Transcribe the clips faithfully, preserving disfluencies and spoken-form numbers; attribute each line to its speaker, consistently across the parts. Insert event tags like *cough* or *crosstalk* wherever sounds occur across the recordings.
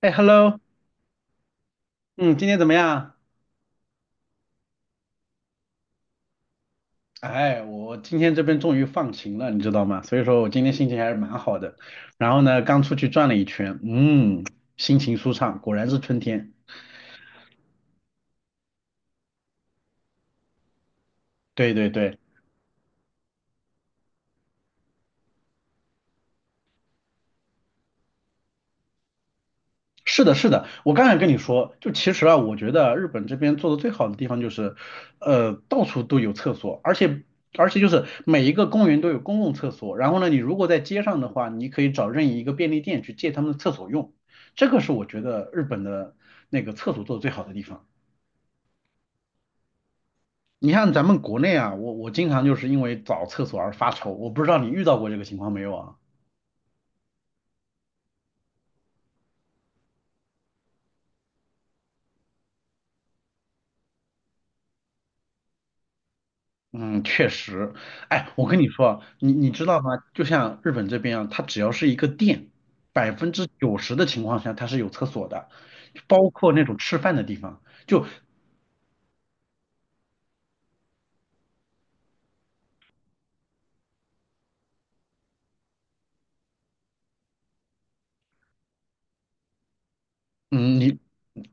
Speaker 1: 哎，hello，嗯，今天怎么样？哎，我今天这边终于放晴了，你知道吗？所以说我今天心情还是蛮好的。然后呢，刚出去转了一圈，嗯，心情舒畅，果然是春天。对对对，是的，是的，我刚才跟你说，就其实啊，我觉得日本这边做的最好的地方就是，呃，到处都有厕所，而且而且就是每一个公园都有公共厕所。然后呢，你如果在街上的话，你可以找任意一个便利店去借他们的厕所用。这个是我觉得日本的那个厕所做的最好的地方。你看咱们国内啊，我我经常就是因为找厕所而发愁，我不知道你遇到过这个情况没有啊？嗯，确实，哎，我跟你说，你你知道吗？就像日本这边啊，它只要是一个店，百分之九十的情况下它是有厕所的，包括那种吃饭的地方。就嗯，你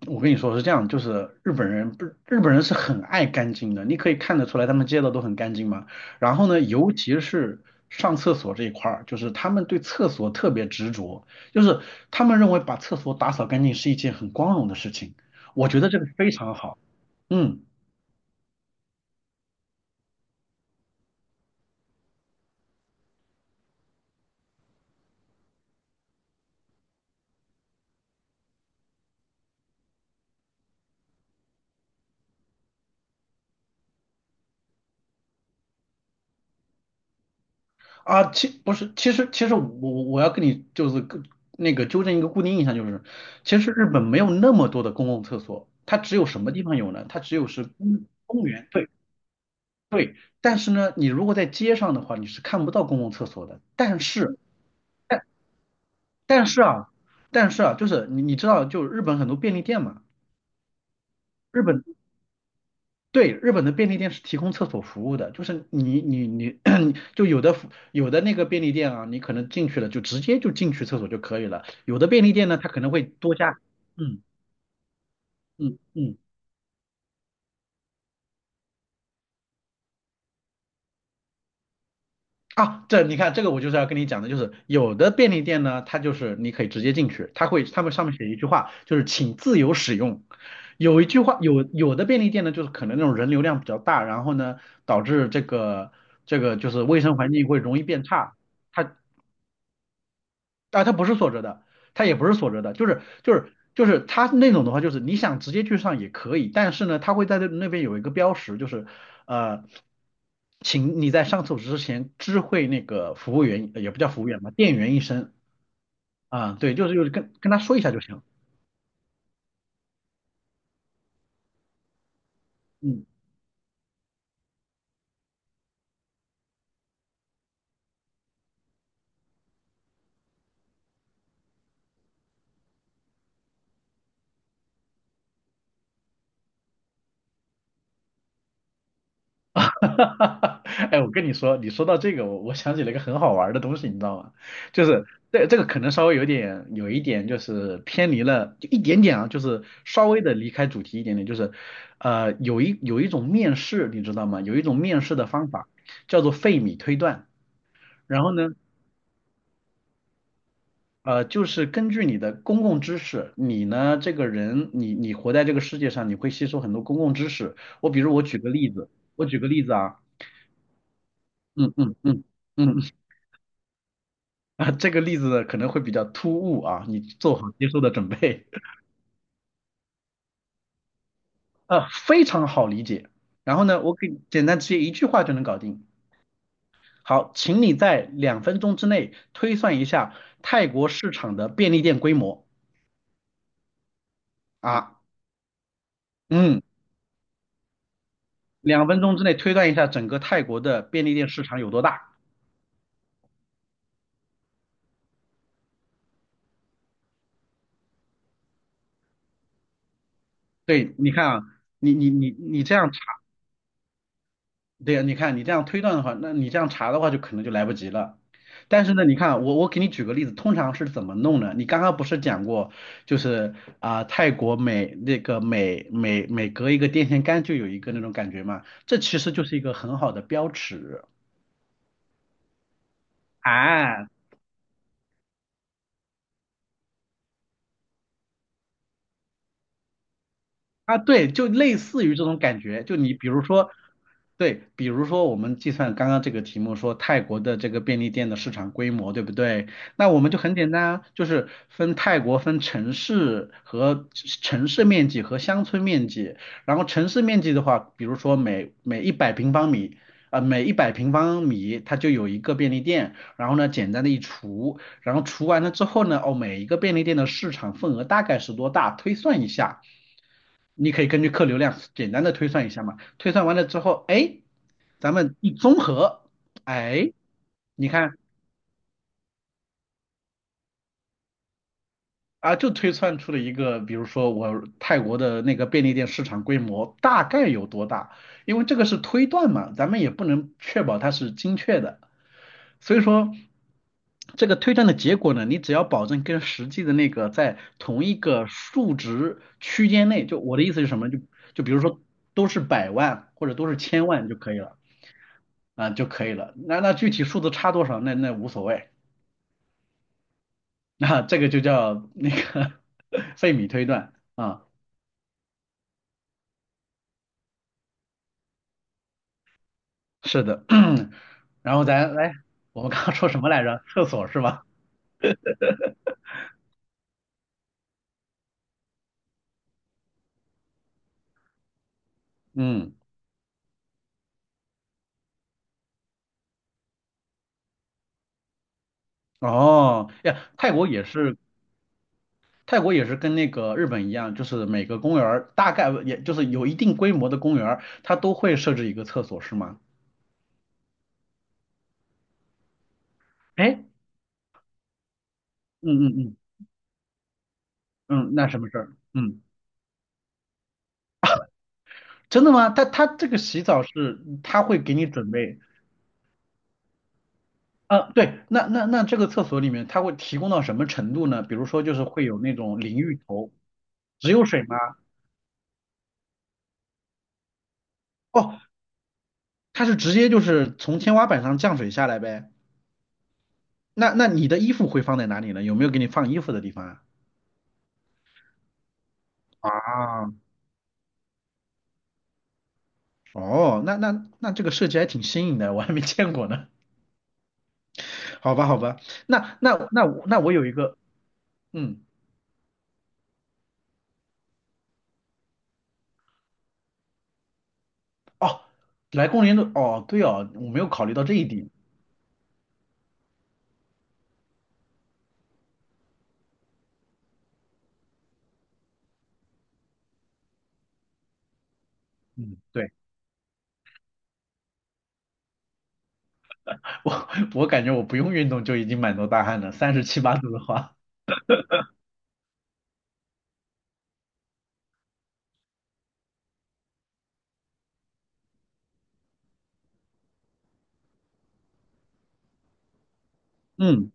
Speaker 1: 我跟你说是这样，就是日本人不，日本人是很爱干净的，你可以看得出来他们街道都很干净嘛。然后呢，尤其是上厕所这一块儿，就是他们对厕所特别执着，就是他们认为把厕所打扫干净是一件很光荣的事情。我觉得这个非常好。嗯啊，其不是，其实其实我我我要跟你就是跟那个纠正一个固定印象，就是其实日本没有那么多的公共厕所，它只有什么地方有呢？它只有是公公园，对对。但是呢，你如果在街上的话，你是看不到公共厕所的。但是但但是啊，但是啊，就是你你知道，就是日本很多便利店嘛，日本对，日本的便利店是提供厕所服务的，就是你你你，*coughs* *clears throat* 就有的服有的那个便利店啊，你可能进去了就直接就进去厕所就可以了，有的便利店呢，它可能会多加，嗯嗯嗯，啊，这你看这个我就是要跟你讲的，就是有的便利店呢，它就是你可以直接进去，它会他们上面写一句话，就是请自由使用，有一句话有有的便利店呢，就是可能那种人流量比较大，然后呢导致这个这个就是卫生环境会容易变差。它啊，它不是锁着的，它也不是锁着的，就是就是就是它那种的话，就是你想直接去上也可以，但是呢，它会在那那边有一个标识，就是呃，请你在上厕所之前知会那个服务员，呃也不叫服务员吧，店员一声啊，对，就是就是跟跟他说一下就行，嗯。*laughs* 哈哈哈！哎，我跟你说，你说到这个，我我想起了一个很好玩儿的东西，你知道吗？就是这这个可能稍微有点有一点就是偏离了，就一点点啊，就是稍微的离开主题一点点，就是呃有一有一种面试，你知道吗？有一种面试的方法叫做费米推断，然后呢，呃就是根据你的公共知识，你呢这个人，你你活在这个世界上，你会吸收很多公共知识。我比如我举个例子，我举个例子啊，嗯嗯嗯嗯。嗯 *laughs* 啊，这个例子可能会比较突兀啊，你做好接受的准备。*laughs* 啊，非常好理解。然后呢，我给简单直接一句话就能搞定。好，请你在两分钟之内推算一下泰国市场的便利店规模啊，嗯，两分钟之内推断一下整个泰国的便利店市场有多大。对，你看啊，你你你你这样对呀，你看你这样推断的话，那你这样查的话，就可能就来不及了。但是呢，你看我我给你举个例子，通常是怎么弄呢？你刚刚不是讲过，就是啊、泰国每那个每每每隔一个电线杆就有一个那种感觉嘛，这其实就是一个很好的标尺啊。啊，对，就类似于这种感觉，就你比如说，对，比如说我们计算刚刚这个题目说泰国的这个便利店的市场规模，对不对？那我们就很简单啊，就是分泰国分城市和城市面积和乡村面积，然后城市面积的话，比如说每每一百平方米。呃，每一百平方米它就有一个便利店，然后呢，简单的一除，然后除完了之后呢，哦，每一个便利店的市场份额大概是多大，推算一下，你可以根据客流量简单的推算一下嘛。推算完了之后，哎，咱们一综合，哎，你看啊，就推算出了一个，比如说我泰国的那个便利店市场规模大概有多大，因为这个是推断嘛，咱们也不能确保它是精确的，所以说。这个推断的结果呢，你只要保证跟实际的那个在同一个数值区间内，就我的意思是什么？就就比如说都是百万或者都是千万就可以了。啊就可以了。那那具体数字差多少，那那无所谓，那、这个就叫那个 *laughs* 费米推断啊，是的。*clears throat* 然后咱来，我们刚刚说什么来着？厕所是吧？嗯，哦呀，泰国也是，泰国也是跟那个日本一样，就是每个公园儿大概也就是有一定规模的公园儿，它都会设置一个厕所是吗？哎，嗯嗯嗯嗯，那什么事儿？嗯，真的吗？他他这个洗澡是他会给你准备。啊，对，那那那这个厕所里面，它会提供到什么程度呢？比如说，就是会有那种淋浴头，只有水吗？哦，它是直接就是从天花板上降水下来呗。那那你的衣服会放在哪里呢？有没有给你放衣服的地方啊？啊，哦，那那那这个设计还挺新颖的，我还没见过呢。*laughs* 好吧，好吧，那那那我那我有一个，嗯，哦，来公园的，哦，对哦，我没有考虑到这一点，嗯，对。我我感觉我不用运动就已经满头大汗了，三十七八度的话。嗯，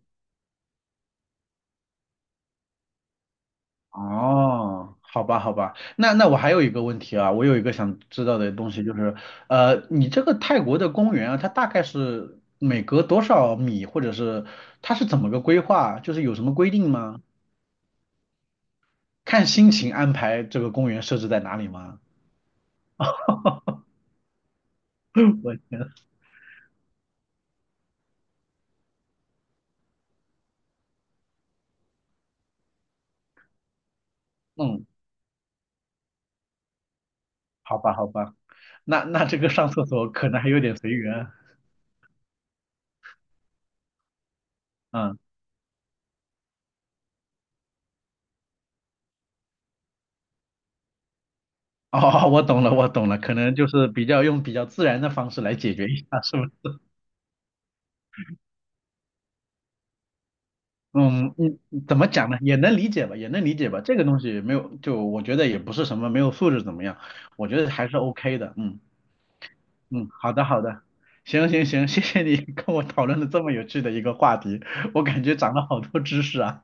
Speaker 1: 哦，好吧，好吧，那那我还有一个问题啊，我有一个想知道的东西，就是，呃，你这个泰国的公园啊，它大概是每隔多少米，或者是它是怎么个规划，就是有什么规定吗？看心情安排这个公园设置在哪里吗？*laughs* 我天，嗯，好吧，好吧，那那这个上厕所可能还有点随缘，嗯 *laughs* 哦，我懂了，我懂了，可能就是比较用比较自然的方式来解决一下，是不是？嗯，嗯，怎么讲呢？也能理解吧，也能理解吧。这个东西没有，就我觉得也不是什么没有素质怎么样，我觉得还是 OK 的。嗯嗯，好的好的，行行行，谢谢你跟我讨论了这么有趣的一个话题，我感觉长了好多知识啊。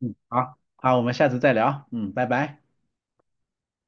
Speaker 1: 嗯，好好，我们下次再聊。嗯，拜拜。